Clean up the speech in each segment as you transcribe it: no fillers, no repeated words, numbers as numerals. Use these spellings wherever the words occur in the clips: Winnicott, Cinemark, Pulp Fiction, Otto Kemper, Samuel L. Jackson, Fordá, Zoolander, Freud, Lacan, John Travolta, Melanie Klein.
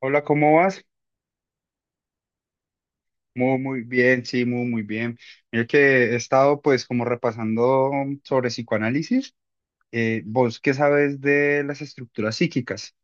Hola, ¿cómo vas? Muy, muy bien, sí, muy, muy bien. Mira que he estado pues como repasando sobre psicoanálisis. ¿Vos qué sabes de las estructuras psíquicas?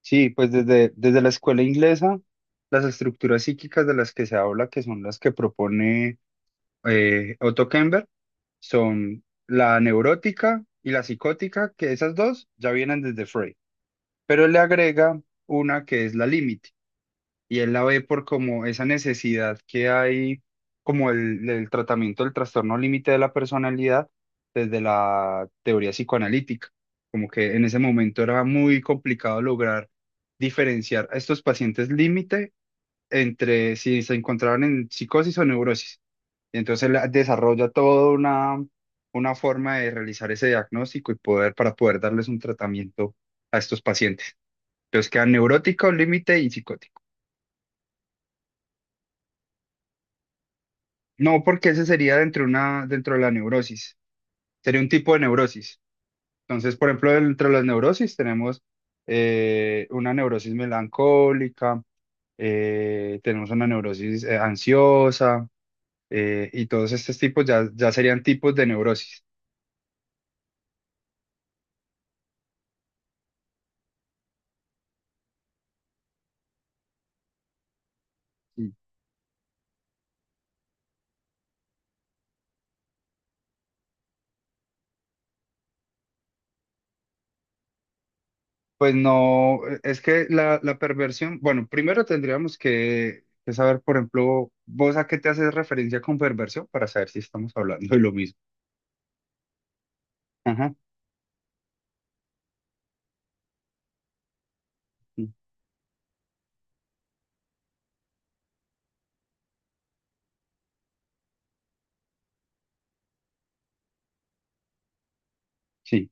Sí, pues desde la escuela inglesa, las estructuras psíquicas de las que se habla, que son las que propone Otto Kemper, son la neurótica y la psicótica, que esas dos ya vienen desde Freud, pero le agrega una que es la límite y él la ve por como esa necesidad que hay, como el tratamiento del trastorno límite de la personalidad desde la teoría psicoanalítica, como que en ese momento era muy complicado lograr diferenciar a estos pacientes límite entre si se encontraban en psicosis o neurosis. Y entonces él desarrolla toda una forma de realizar ese diagnóstico y para poder darles un tratamiento a estos pacientes. Entonces quedan neuróticos, límite y psicóticos. No, porque ese sería dentro de la neurosis. Sería un tipo de neurosis. Entonces, por ejemplo, dentro de las neurosis tenemos una neurosis melancólica, tenemos una neurosis ansiosa, y todos estos tipos ya serían tipos de neurosis. Sí. Pues no, es que la perversión, bueno, primero tendríamos que saber, por ejemplo, vos a qué te haces referencia con perversión para saber si estamos hablando de lo mismo. Ajá, sí.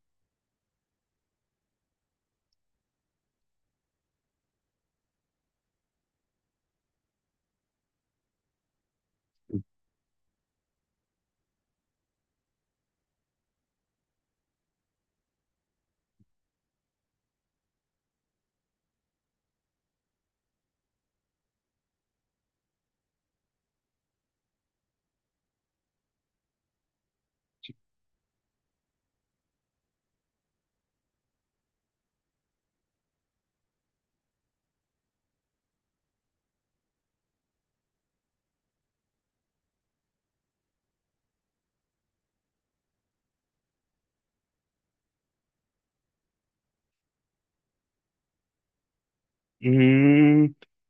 Mm,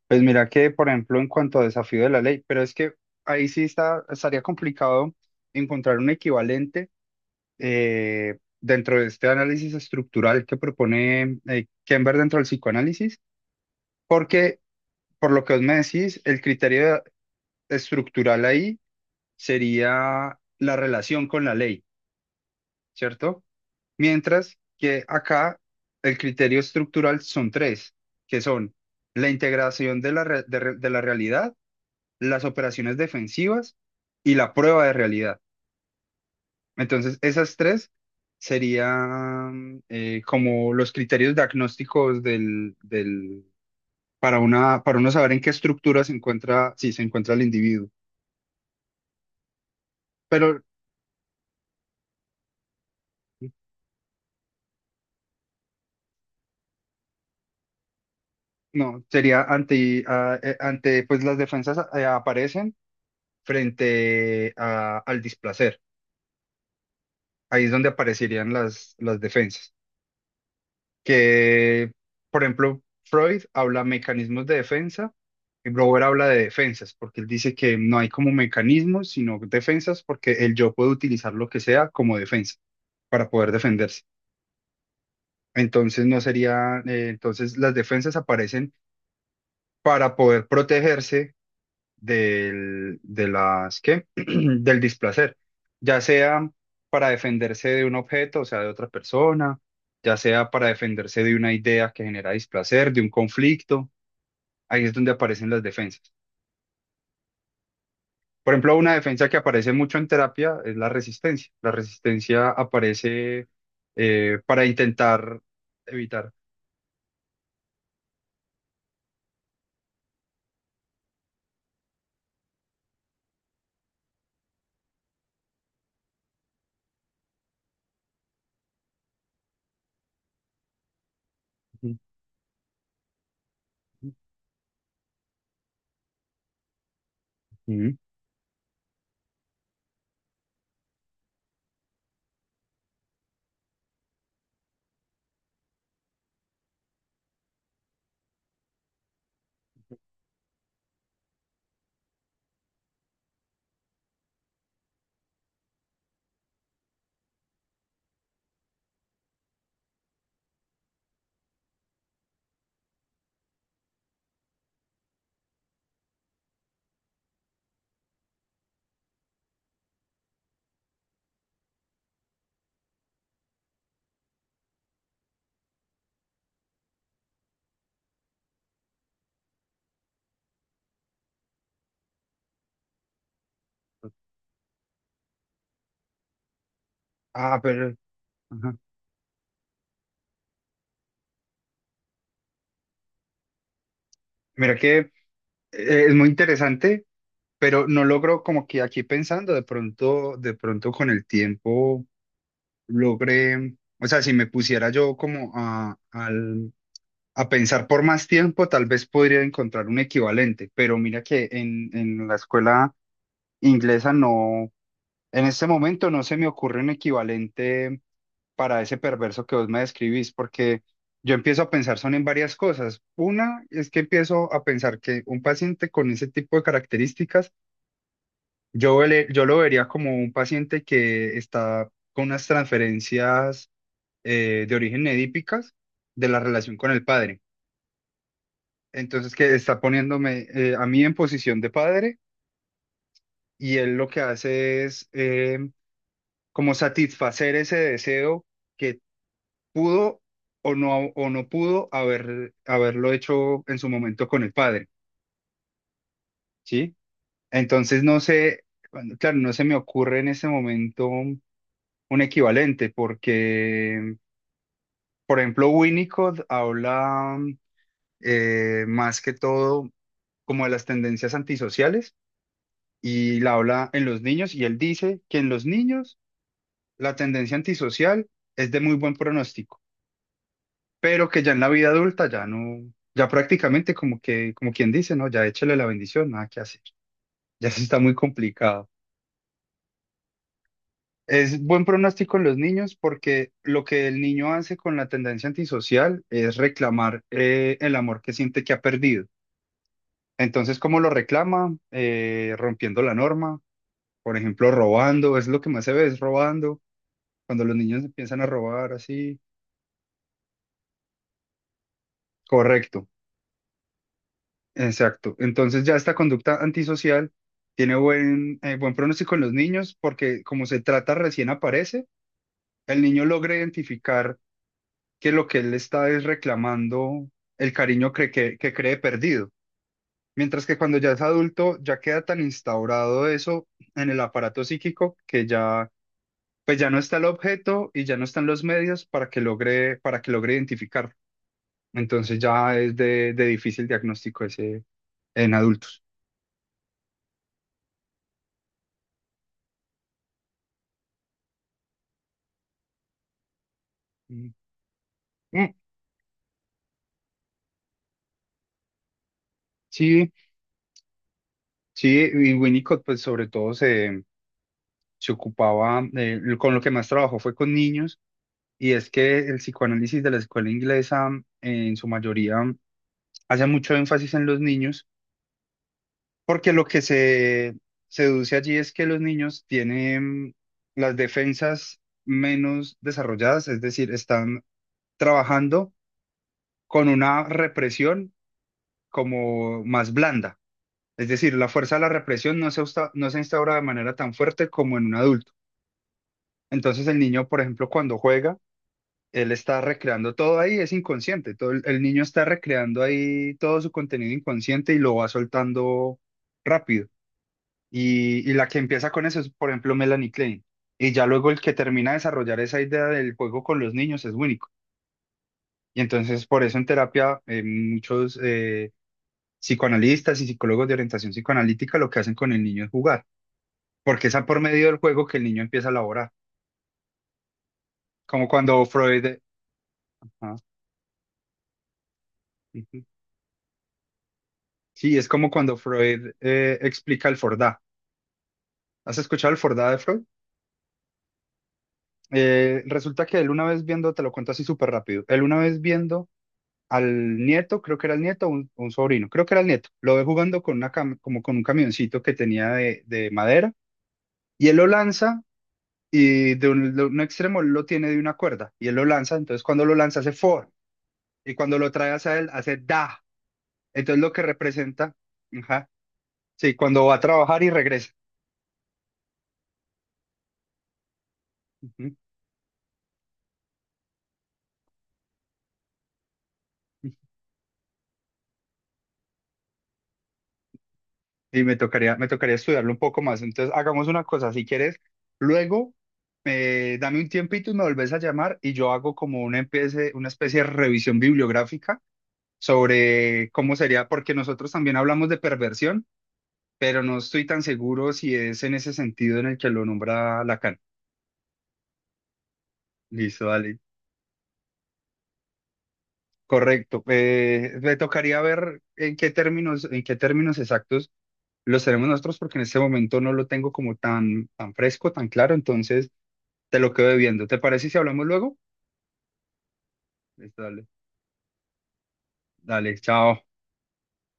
pues mira que, por ejemplo, en cuanto a desafío de la ley, pero es que ahí sí estaría complicado encontrar un equivalente dentro de este análisis estructural que propone Kember dentro del psicoanálisis, porque por lo que vos me decís, el criterio estructural ahí sería la relación con la ley, ¿cierto? Mientras que acá el criterio estructural son tres, que son la integración de la, re- de la realidad, las operaciones defensivas y la prueba de realidad. Entonces, esas tres serían como los criterios diagnósticos para para uno saber en qué estructura se encuentra, si se encuentra el individuo. Pero no, sería ante pues las defensas aparecen frente al displacer. Ahí es donde aparecerían las defensas. Que, por ejemplo, Freud habla mecanismos de defensa y Brower habla de defensas, porque él dice que no hay como mecanismos, sino defensas, porque el yo puede utilizar lo que sea como defensa para poder defenderse. Entonces no sería, entonces las defensas aparecen para poder protegerse de las, ¿qué? del displacer, ya sea para defenderse de un objeto, o sea, de otra persona, ya sea para defenderse de una idea que genera displacer, de un conflicto, ahí es donde aparecen las defensas. Por ejemplo, una defensa que aparece mucho en terapia es la resistencia. La resistencia aparece para intentar evitar. Ujú. Ujú. Ah, pero ajá. Mira que es muy interesante pero no logro como que aquí pensando, de pronto con el tiempo logré, o sea, si me pusiera yo como a pensar por más tiempo, tal vez podría encontrar un equivalente, pero mira que en la escuela inglesa no, en este momento no se me ocurre un equivalente para ese perverso que vos me describís, porque yo empiezo a pensar son en varias cosas. Una es que empiezo a pensar que un paciente con ese tipo de características. Yo lo vería como un paciente que está con unas transferencias de origen edípicas de la relación con el padre. Entonces, que está poniéndome a mí en posición de padre y él lo que hace es como satisfacer ese deseo que pudo o no pudo haberlo hecho en su momento con el padre, ¿sí? Entonces, no sé, bueno, claro, no se me ocurre en ese momento un equivalente porque... Por ejemplo, Winnicott habla más que todo como de las tendencias antisociales y la habla en los niños y él dice que en los niños la tendencia antisocial es de muy buen pronóstico, pero que ya en la vida adulta ya no, ya prácticamente como que, como quien dice, no, ya échale la bendición, nada que hacer, ya se está muy complicado. Es buen pronóstico en los niños porque lo que el niño hace con la tendencia antisocial es reclamar el amor que siente que ha perdido. Entonces, ¿cómo lo reclama? Rompiendo la norma, por ejemplo, robando, es lo que más se ve, es robando, cuando los niños empiezan a robar así. Correcto, exacto. Entonces ya esta conducta antisocial tiene buen pronóstico en los niños porque como se trata recién aparece, el niño logra identificar que lo que él está es reclamando el cariño que cree perdido. Mientras que cuando ya es adulto, ya queda tan instaurado eso en el aparato psíquico que ya pues ya no está el objeto y ya no están los medios para que logre identificarlo. Entonces ya es de difícil diagnóstico ese en adultos. Mm. Mm. Sí, sí, y Winnicott pues sobre todo se ocupaba, con lo que más trabajó fue con niños, y es que el psicoanálisis de la escuela inglesa en su mayoría hace mucho énfasis en los niños. Porque lo que se deduce allí es que los niños tienen las defensas menos desarrolladas, es decir, están trabajando con una represión como más blanda. Es decir, la fuerza de la represión no no se instaura de manera tan fuerte como en un adulto. Entonces el niño, por ejemplo, cuando juega, él está recreando todo ahí, es inconsciente. Todo el niño está recreando ahí todo su contenido inconsciente y lo va soltando rápido. Y la que empieza con eso es, por ejemplo, Melanie Klein. Y ya luego el que termina de desarrollar esa idea del juego con los niños es Winnicott. Y entonces por eso en terapia muchos psicoanalistas y psicólogos de orientación psicoanalítica lo que hacen con el niño es jugar, porque es a por medio del juego que el niño empieza a elaborar. Como cuando Freud... ah, ujú. Sí, es como cuando Freud explica el Fordá. ¿Has escuchado el Fordá de Freud? Resulta que él una vez viendo, te lo cuento así súper rápido, él una vez viendo al nieto, creo que era el nieto, un sobrino, creo que era el nieto, lo ve jugando con una como con un camioncito que tenía de madera y él lo lanza y de de un extremo él lo tiene de una cuerda y él lo lanza, entonces cuando lo lanza hace for y cuando lo trae hacia él hace da, entonces lo que representa, ajá, sí, cuando va a trabajar y regresa. Ujú. Y me tocaría estudiarlo un poco más. Entonces, hagamos una cosa, si quieres, luego dame un tiempito y me volvés a llamar y yo hago como una especie de revisión bibliográfica sobre cómo sería, porque nosotros también hablamos de perversión, pero no estoy tan seguro si es en ese sentido en el que lo nombra Lacan. Listo, dale. Correcto. Me tocaría ver en qué términos exactos los tenemos nosotros, porque en este momento no lo tengo como tan, tan fresco, tan claro. Entonces... Te lo quedo viendo. ¿Te parece si hablamos luego? Listo, dale. Dale, chao.